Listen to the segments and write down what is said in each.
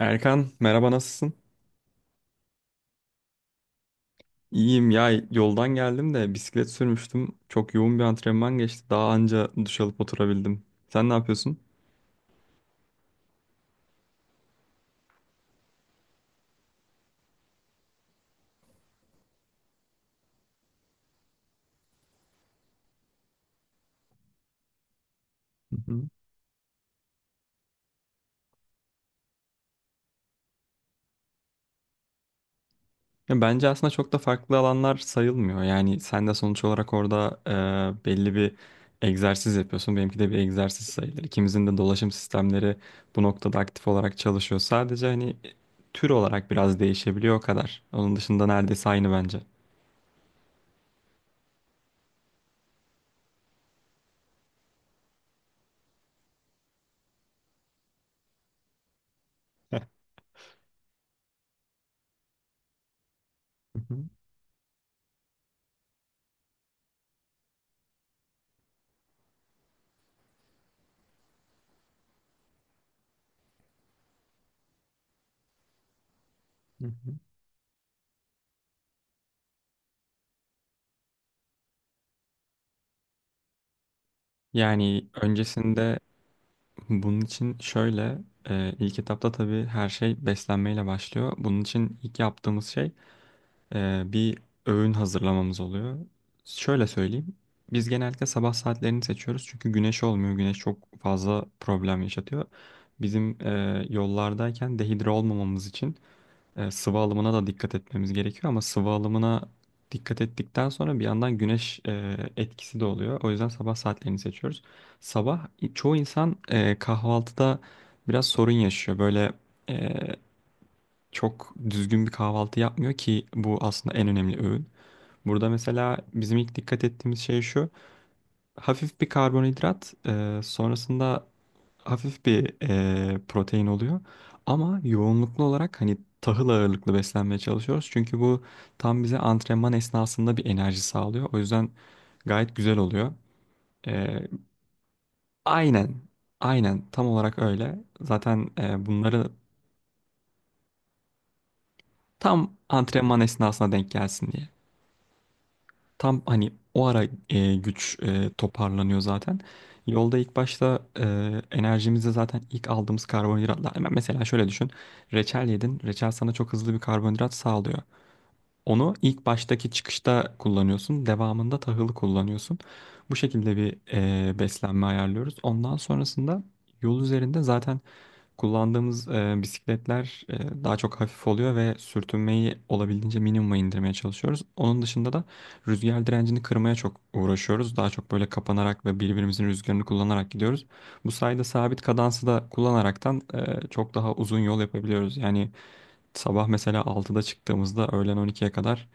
Erkan merhaba, nasılsın? İyiyim ya, yoldan geldim de bisiklet sürmüştüm. Çok yoğun bir antrenman geçti. Daha anca duş alıp oturabildim. Sen ne yapıyorsun? Hı hı. Ya bence aslında çok da farklı alanlar sayılmıyor. Yani sen de sonuç olarak orada belli bir egzersiz yapıyorsun. Benimki de bir egzersiz sayılır. İkimizin de dolaşım sistemleri bu noktada aktif olarak çalışıyor. Sadece hani tür olarak biraz değişebiliyor o kadar. Onun dışında neredeyse aynı bence. Hı hı, hı hı. Yani öncesinde bunun için şöyle, ilk etapta tabii her şey beslenmeyle başlıyor. Bunun için ilk yaptığımız şey bir öğün hazırlamamız oluyor. Şöyle söyleyeyim, biz genellikle sabah saatlerini seçiyoruz çünkü güneş olmuyor. Güneş çok fazla problem yaşatıyor. Bizim yollardayken dehidre olmamamız için sıvı alımına da dikkat etmemiz gerekiyor, ama sıvı alımına dikkat ettikten sonra bir yandan güneş etkisi de oluyor. O yüzden sabah saatlerini seçiyoruz. Çoğu insan kahvaltıda biraz sorun yaşıyor. Böyle e, çok düzgün bir kahvaltı yapmıyor ki bu aslında en önemli öğün. Burada mesela bizim ilk dikkat ettiğimiz şey şu. Hafif bir karbonhidrat, sonrasında hafif bir protein oluyor. Ama yoğunluklu olarak hani tahıl ağırlıklı beslenmeye çalışıyoruz. Çünkü bu tam bize antrenman esnasında bir enerji sağlıyor. O yüzden gayet güzel oluyor. Eee, aynen, aynen tam olarak öyle. Zaten bunları tam antrenman esnasına denk gelsin diye. Tam hani o ara güç toparlanıyor zaten. Yolda ilk başta enerjimizi zaten ilk aldığımız karbonhidratlar. Hemen mesela şöyle düşün. Reçel yedin. Reçel sana çok hızlı bir karbonhidrat sağlıyor. Onu ilk baştaki çıkışta kullanıyorsun. Devamında tahılı kullanıyorsun. Bu şekilde bir beslenme ayarlıyoruz. Ondan sonrasında yol üzerinde zaten kullandığımız bisikletler daha çok hafif oluyor ve sürtünmeyi olabildiğince minimuma indirmeye çalışıyoruz. Onun dışında da rüzgar direncini kırmaya çok uğraşıyoruz. Daha çok böyle kapanarak ve birbirimizin rüzgarını kullanarak gidiyoruz. Bu sayede sabit kadansı da kullanaraktan çok daha uzun yol yapabiliyoruz. Yani sabah mesela 6'da çıktığımızda öğlen 12'ye kadar,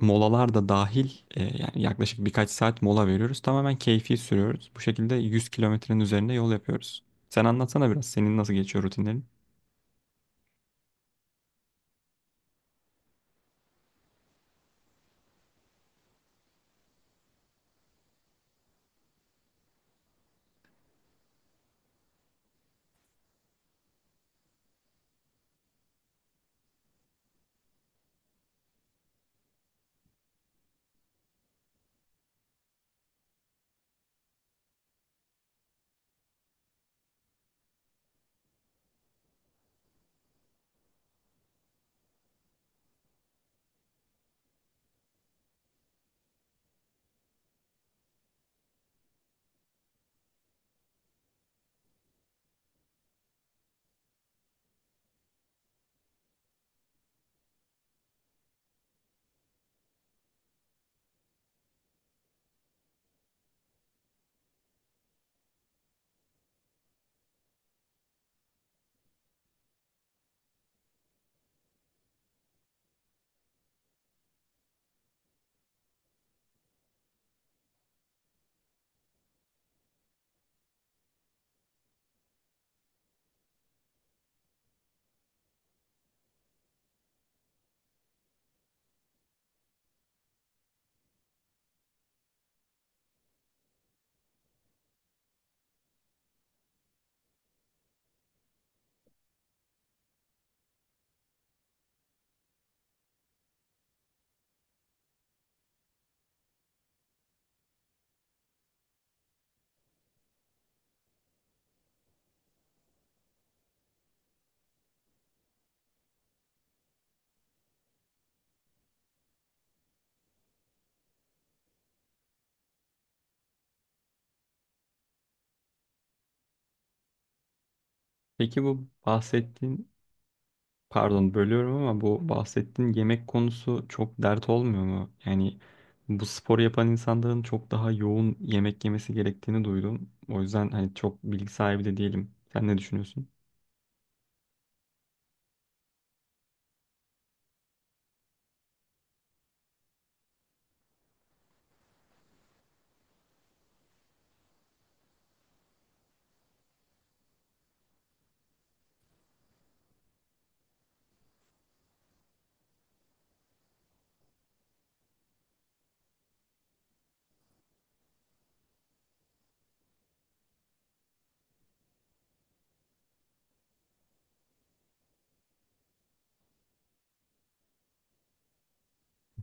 molalar da dahil yani yaklaşık birkaç saat mola veriyoruz. Tamamen keyfi sürüyoruz. Bu şekilde 100 kilometrenin üzerinde yol yapıyoruz. Sen anlatsana biraz, senin nasıl geçiyor rutinlerin? Peki bu bahsettiğin, pardon bölüyorum ama bu bahsettiğin yemek konusu çok dert olmuyor mu? Yani bu spor yapan insanların çok daha yoğun yemek yemesi gerektiğini duydum. O yüzden hani çok bilgi sahibi de değilim. Sen ne düşünüyorsun?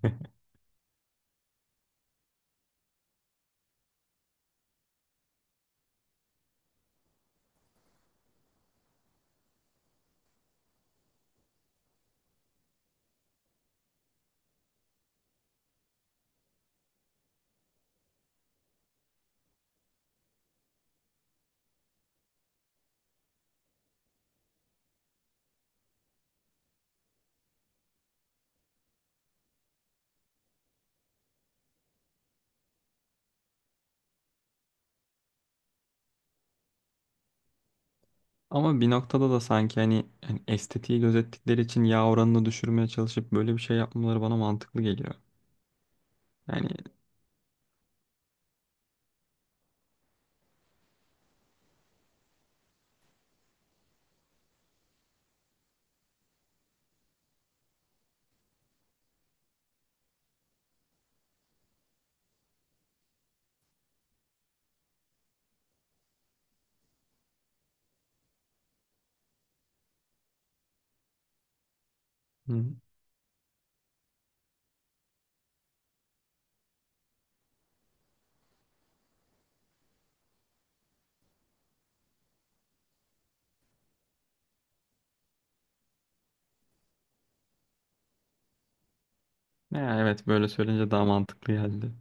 Ama bir noktada da sanki hani, hani estetiği gözettikleri için yağ oranını düşürmeye çalışıp böyle bir şey yapmaları bana mantıklı geliyor. Yani hı. Ya evet, böyle söyleyince daha mantıklı geldi.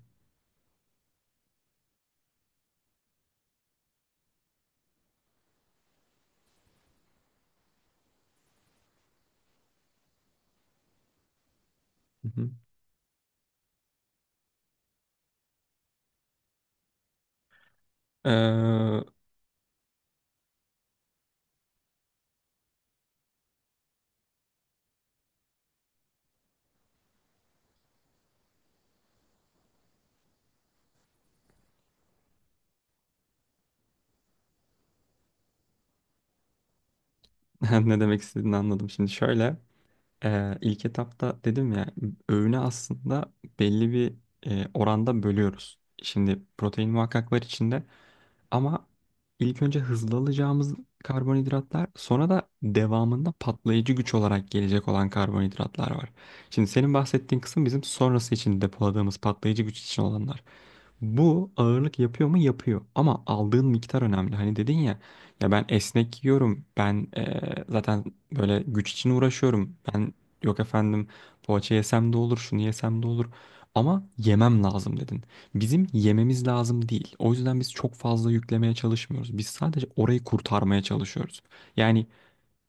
Hı hı. Ee, ne demek istediğini anladım. Şimdi şöyle. İlk etapta dedim ya, öğüne aslında belli bir oranda bölüyoruz. Şimdi protein muhakkak var içinde, ama ilk önce hızlı alacağımız karbonhidratlar, sonra da devamında patlayıcı güç olarak gelecek olan karbonhidratlar var. Şimdi senin bahsettiğin kısım bizim sonrası için depoladığımız patlayıcı güç için olanlar. Bu ağırlık yapıyor mu? Yapıyor. Ama aldığın miktar önemli. Hani dedin ya, ya ben esnek yiyorum. Ben zaten böyle güç için uğraşıyorum. Ben yok efendim, poğaça yesem de olur, şunu yesem de olur. Ama yemem lazım dedin. Bizim yememiz lazım değil. O yüzden biz çok fazla yüklemeye çalışmıyoruz. Biz sadece orayı kurtarmaya çalışıyoruz. Yani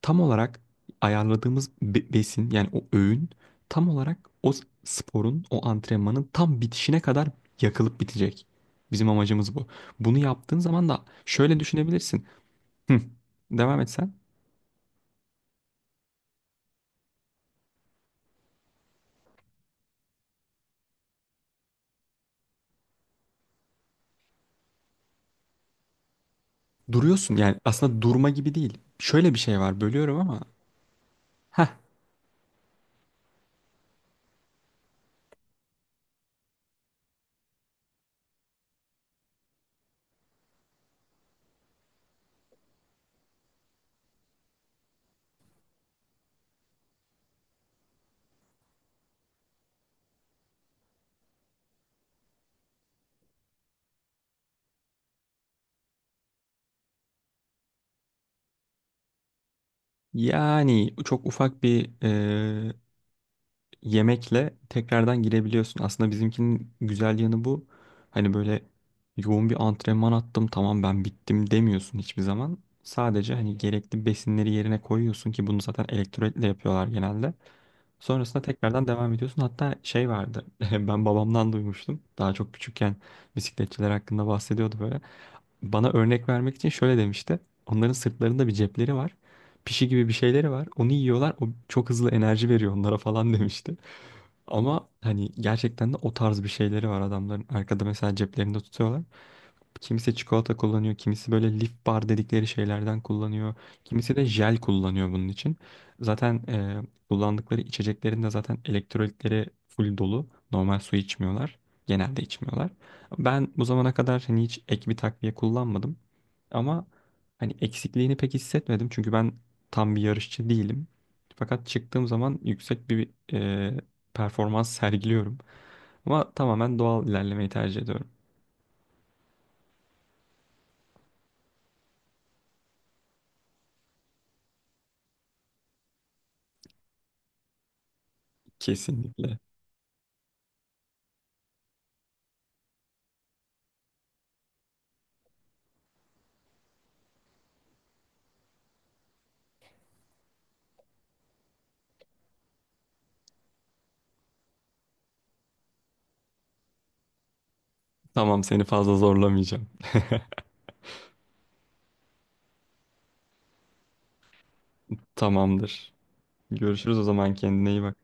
tam olarak ayarladığımız besin, yani o öğün tam olarak o sporun, o antrenmanın tam bitişine kadar yakılıp bitecek. Bizim amacımız bu. Bunu yaptığın zaman da şöyle düşünebilirsin. Hı, devam et sen. Duruyorsun yani, aslında durma gibi değil. Şöyle bir şey var, bölüyorum ama. Heh, yani çok ufak bir yemekle tekrardan girebiliyorsun. Aslında bizimkinin güzel yanı bu. Hani böyle yoğun bir antrenman attım, tamam ben bittim demiyorsun hiçbir zaman. Sadece hani gerekli besinleri yerine koyuyorsun ki bunu zaten elektrolitle yapıyorlar genelde. Sonrasında tekrardan devam ediyorsun. Hatta şey vardı, ben babamdan duymuştum. Daha çok küçükken bisikletçiler hakkında bahsediyordu böyle. Bana örnek vermek için şöyle demişti. Onların sırtlarında bir cepleri var. Pişi gibi bir şeyleri var. Onu yiyorlar. O çok hızlı enerji veriyor onlara falan demişti. Ama hani gerçekten de o tarz bir şeyleri var adamların. Arkada mesela ceplerinde tutuyorlar. Kimisi çikolata kullanıyor, kimisi böyle lif bar dedikleri şeylerden kullanıyor. Kimisi de jel kullanıyor bunun için. Zaten kullandıkları içeceklerin de zaten elektrolitleri full dolu. Normal su içmiyorlar. Genelde içmiyorlar. Ben bu zamana kadar hani hiç ek bir takviye kullanmadım. Ama hani eksikliğini pek hissetmedim. Çünkü ben tam bir yarışçı değilim. Fakat çıktığım zaman yüksek bir performans sergiliyorum. Ama tamamen doğal ilerlemeyi tercih ediyorum. Kesinlikle. Tamam, seni fazla zorlamayacağım. Tamamdır. Görüşürüz o zaman, kendine iyi bak.